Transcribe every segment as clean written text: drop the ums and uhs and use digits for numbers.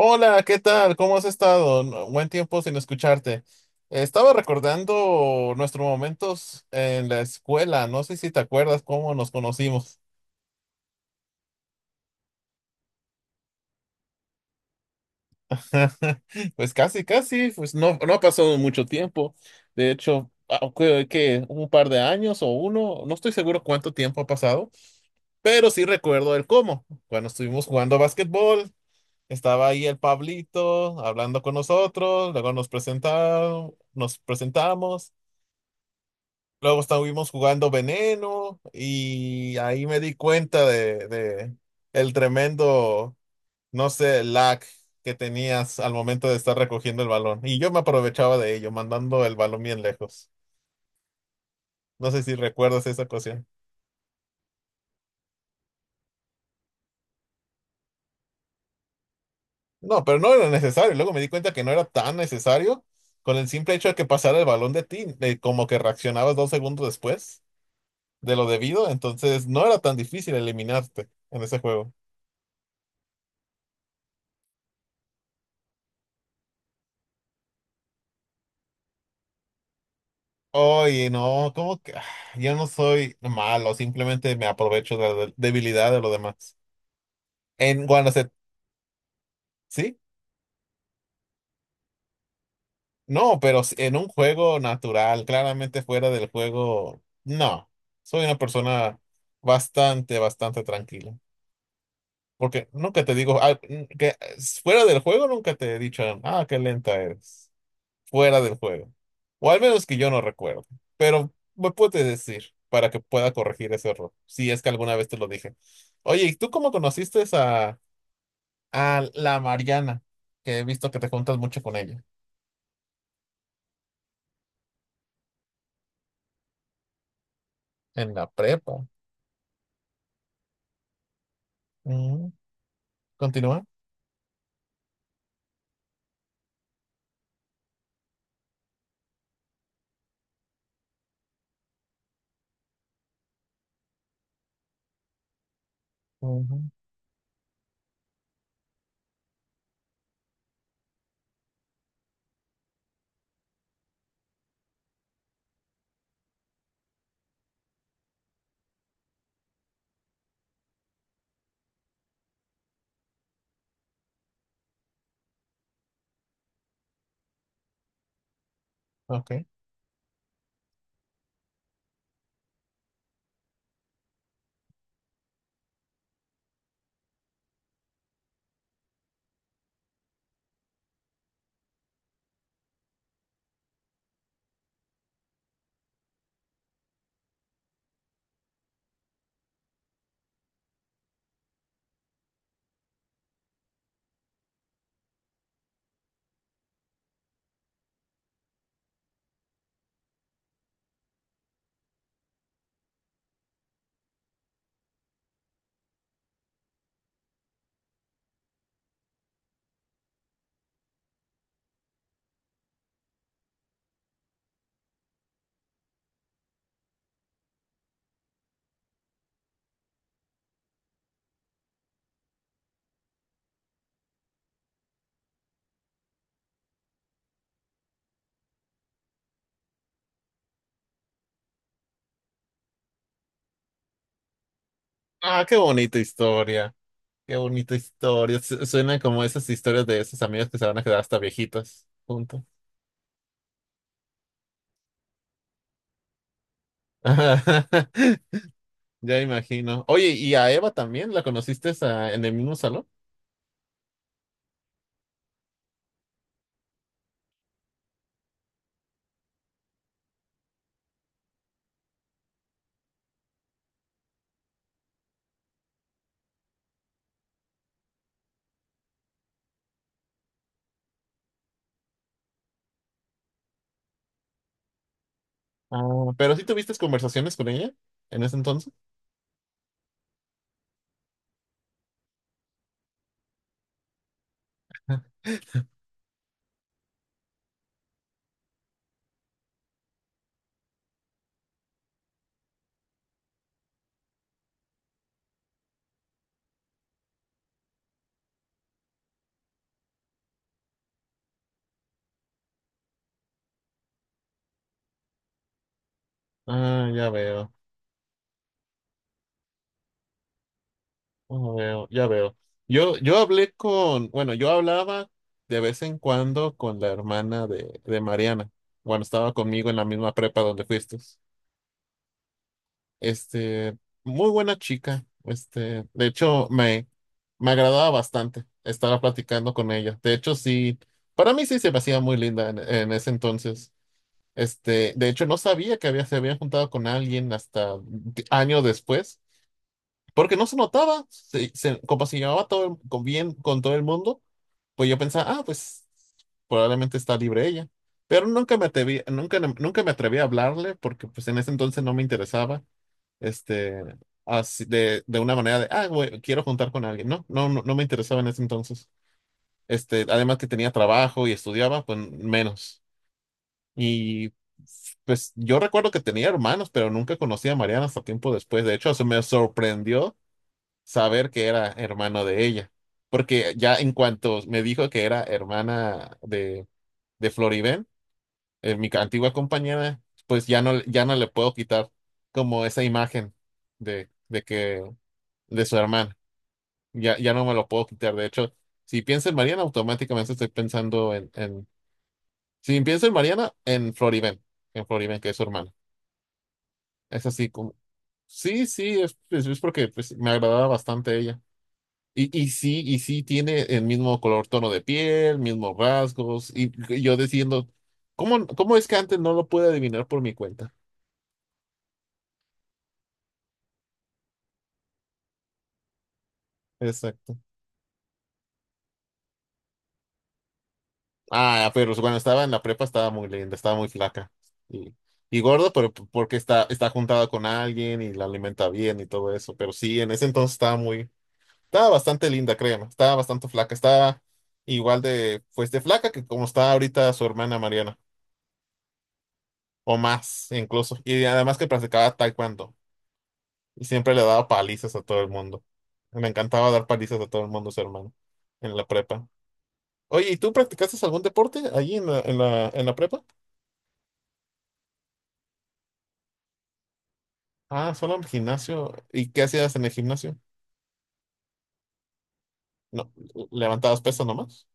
Hola, ¿qué tal? ¿Cómo has estado? Buen tiempo sin escucharte. Estaba recordando nuestros momentos en la escuela. No sé si te acuerdas cómo nos conocimos. Pues casi, casi, pues no, no ha pasado mucho tiempo. De hecho, que un par de años o uno, no estoy seguro cuánto tiempo ha pasado, pero sí recuerdo el cómo. Cuando estuvimos jugando básquetbol, estaba ahí el Pablito hablando con nosotros, luego nos presentaron, nos presentamos. Luego estuvimos jugando Veneno y ahí me di cuenta de el tremendo, no sé, lag que tenías al momento de estar recogiendo el balón. Y yo me aprovechaba de ello, mandando el balón bien lejos. No sé si recuerdas esa ocasión. No, pero no era necesario. Luego me di cuenta que no era tan necesario con el simple hecho de que pasara el balón de ti, como que reaccionabas dos segundos después de lo debido. Entonces no era tan difícil eliminarte en ese juego. Oye, no, como que yo no soy malo, simplemente me aprovecho de la debilidad de los demás. En cuando se, sí, no, pero en un juego natural, claramente fuera del juego, no. Soy una persona bastante, bastante tranquila. Porque nunca te digo, que fuera del juego nunca te he dicho, ah, qué lenta eres. Fuera del juego. O al menos que yo no recuerdo. Pero me puedes decir para que pueda corregir ese error, si es que alguna vez te lo dije. Oye, ¿y tú cómo conociste a la Mariana? Que he visto que te juntas mucho con ella. En la prepa. Mm, ¿continúa? Ujú. Ok. Ah, qué bonita historia. Qué bonita historia. Suena como esas historias de esos amigos que se van a quedar hasta viejitos juntos. Ya imagino. Oye, ¿y a Eva también la conociste en el mismo salón? Ah, pero sí tuviste conversaciones con ella en ese entonces. Ah, ya veo, ya veo, ya veo. Yo hablé con, bueno, yo hablaba de vez en cuando con la hermana de Mariana, cuando estaba conmigo en la misma prepa donde fuiste. Este, muy buena chica. Este, de hecho, me agradaba bastante estar platicando con ella. De hecho, sí, para mí sí se me hacía muy linda en ese entonces. Este, de hecho, no sabía que había, se había juntado con alguien hasta años después, porque no se notaba, se, como se llevaba todo con bien con todo el mundo, pues yo pensaba, ah, pues probablemente está libre ella. Pero nunca me atreví, nunca, nunca me atreví a hablarle porque pues en ese entonces no me interesaba, este, así de una manera de, ah, güey, quiero juntar con alguien. No, no, no, no me interesaba en ese entonces. Este, además que tenía trabajo y estudiaba, pues menos. Y pues yo recuerdo que tenía hermanos, pero nunca conocí a Mariana hasta tiempo después. De hecho, se me sorprendió saber que era hermano de ella, porque ya en cuanto me dijo que era hermana de Floribén, mi antigua compañera, pues ya no, ya no le puedo quitar como esa imagen de que de su hermana. Ya, ya no me lo puedo quitar. De hecho, si pienso en Mariana, automáticamente estoy pensando en si pienso en Mariana, en Floribén, que es su hermana. Es así como, sí, sí, es, es porque pues, me agradaba bastante ella. Y sí tiene el mismo color, tono de piel, mismos rasgos, y yo diciendo, ¿cómo, cómo es que antes no lo pude adivinar por mi cuenta? Exacto. Ah, pero cuando estaba en la prepa estaba muy linda, estaba muy flaca. Y, y gorda, pero porque está, está juntada con alguien y la alimenta bien y todo eso. Pero sí, en ese entonces estaba muy, estaba bastante linda, créeme. Estaba bastante flaca. Estaba igual de, pues de flaca que como está ahorita su hermana Mariana. O más, incluso. Y además que practicaba taekwondo. Y siempre le daba palizas a todo el mundo. Me encantaba dar palizas a todo el mundo, su hermano, en la prepa. Oye, ¿y tú practicaste algún deporte allí en la, en la, en la prepa? Ah, solo en el gimnasio. ¿Y qué hacías en el gimnasio? No, levantabas pesas nomás.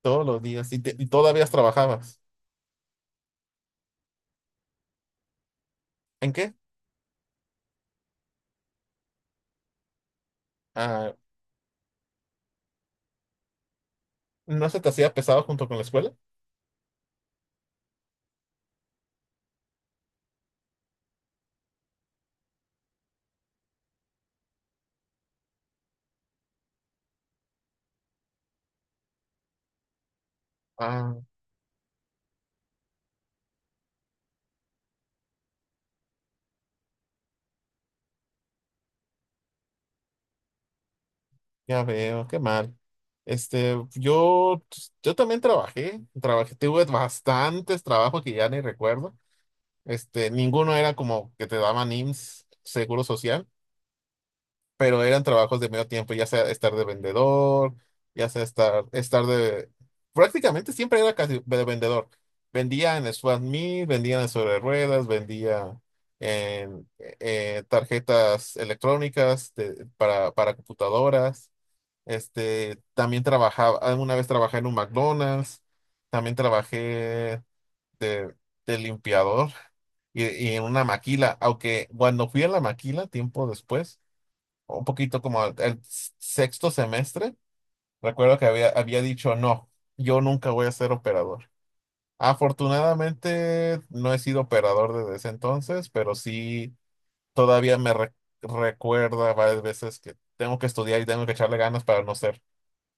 Todos los días. ¿Y, y todavía trabajabas? ¿En qué? Ah, ¿No se te hacía pesado junto con la escuela? Ah, ya veo, qué mal. Este, yo también trabajé, trabajé, tuve bastantes trabajos que ya ni recuerdo. Este, ninguno era como que te daban IMSS, Seguro Social, pero eran trabajos de medio tiempo, ya sea estar de vendedor, ya sea estar, estar de, prácticamente siempre era casi de vendedor. Vendía en Swap Meet, vendía en sobre ruedas, vendía en tarjetas electrónicas para computadoras. Este, también trabajaba, alguna vez trabajé en un McDonald's, también trabajé de, de limpiador y en una maquila, aunque cuando fui a la maquila tiempo después, un poquito como al, al sexto semestre, recuerdo que había, había dicho, no, yo nunca voy a ser operador. Afortunadamente no he sido operador desde ese entonces, pero sí todavía me recuerda varias veces que tengo que estudiar y tengo que echarle ganas para no ser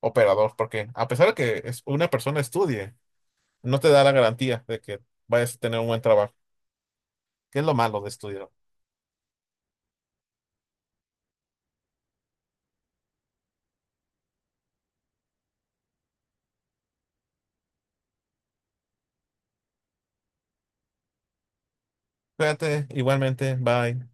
operador, porque a pesar de que una persona estudie, no te da la garantía de que vayas a tener un buen trabajo, que es lo malo de estudiar. Cuídate, igualmente, bye.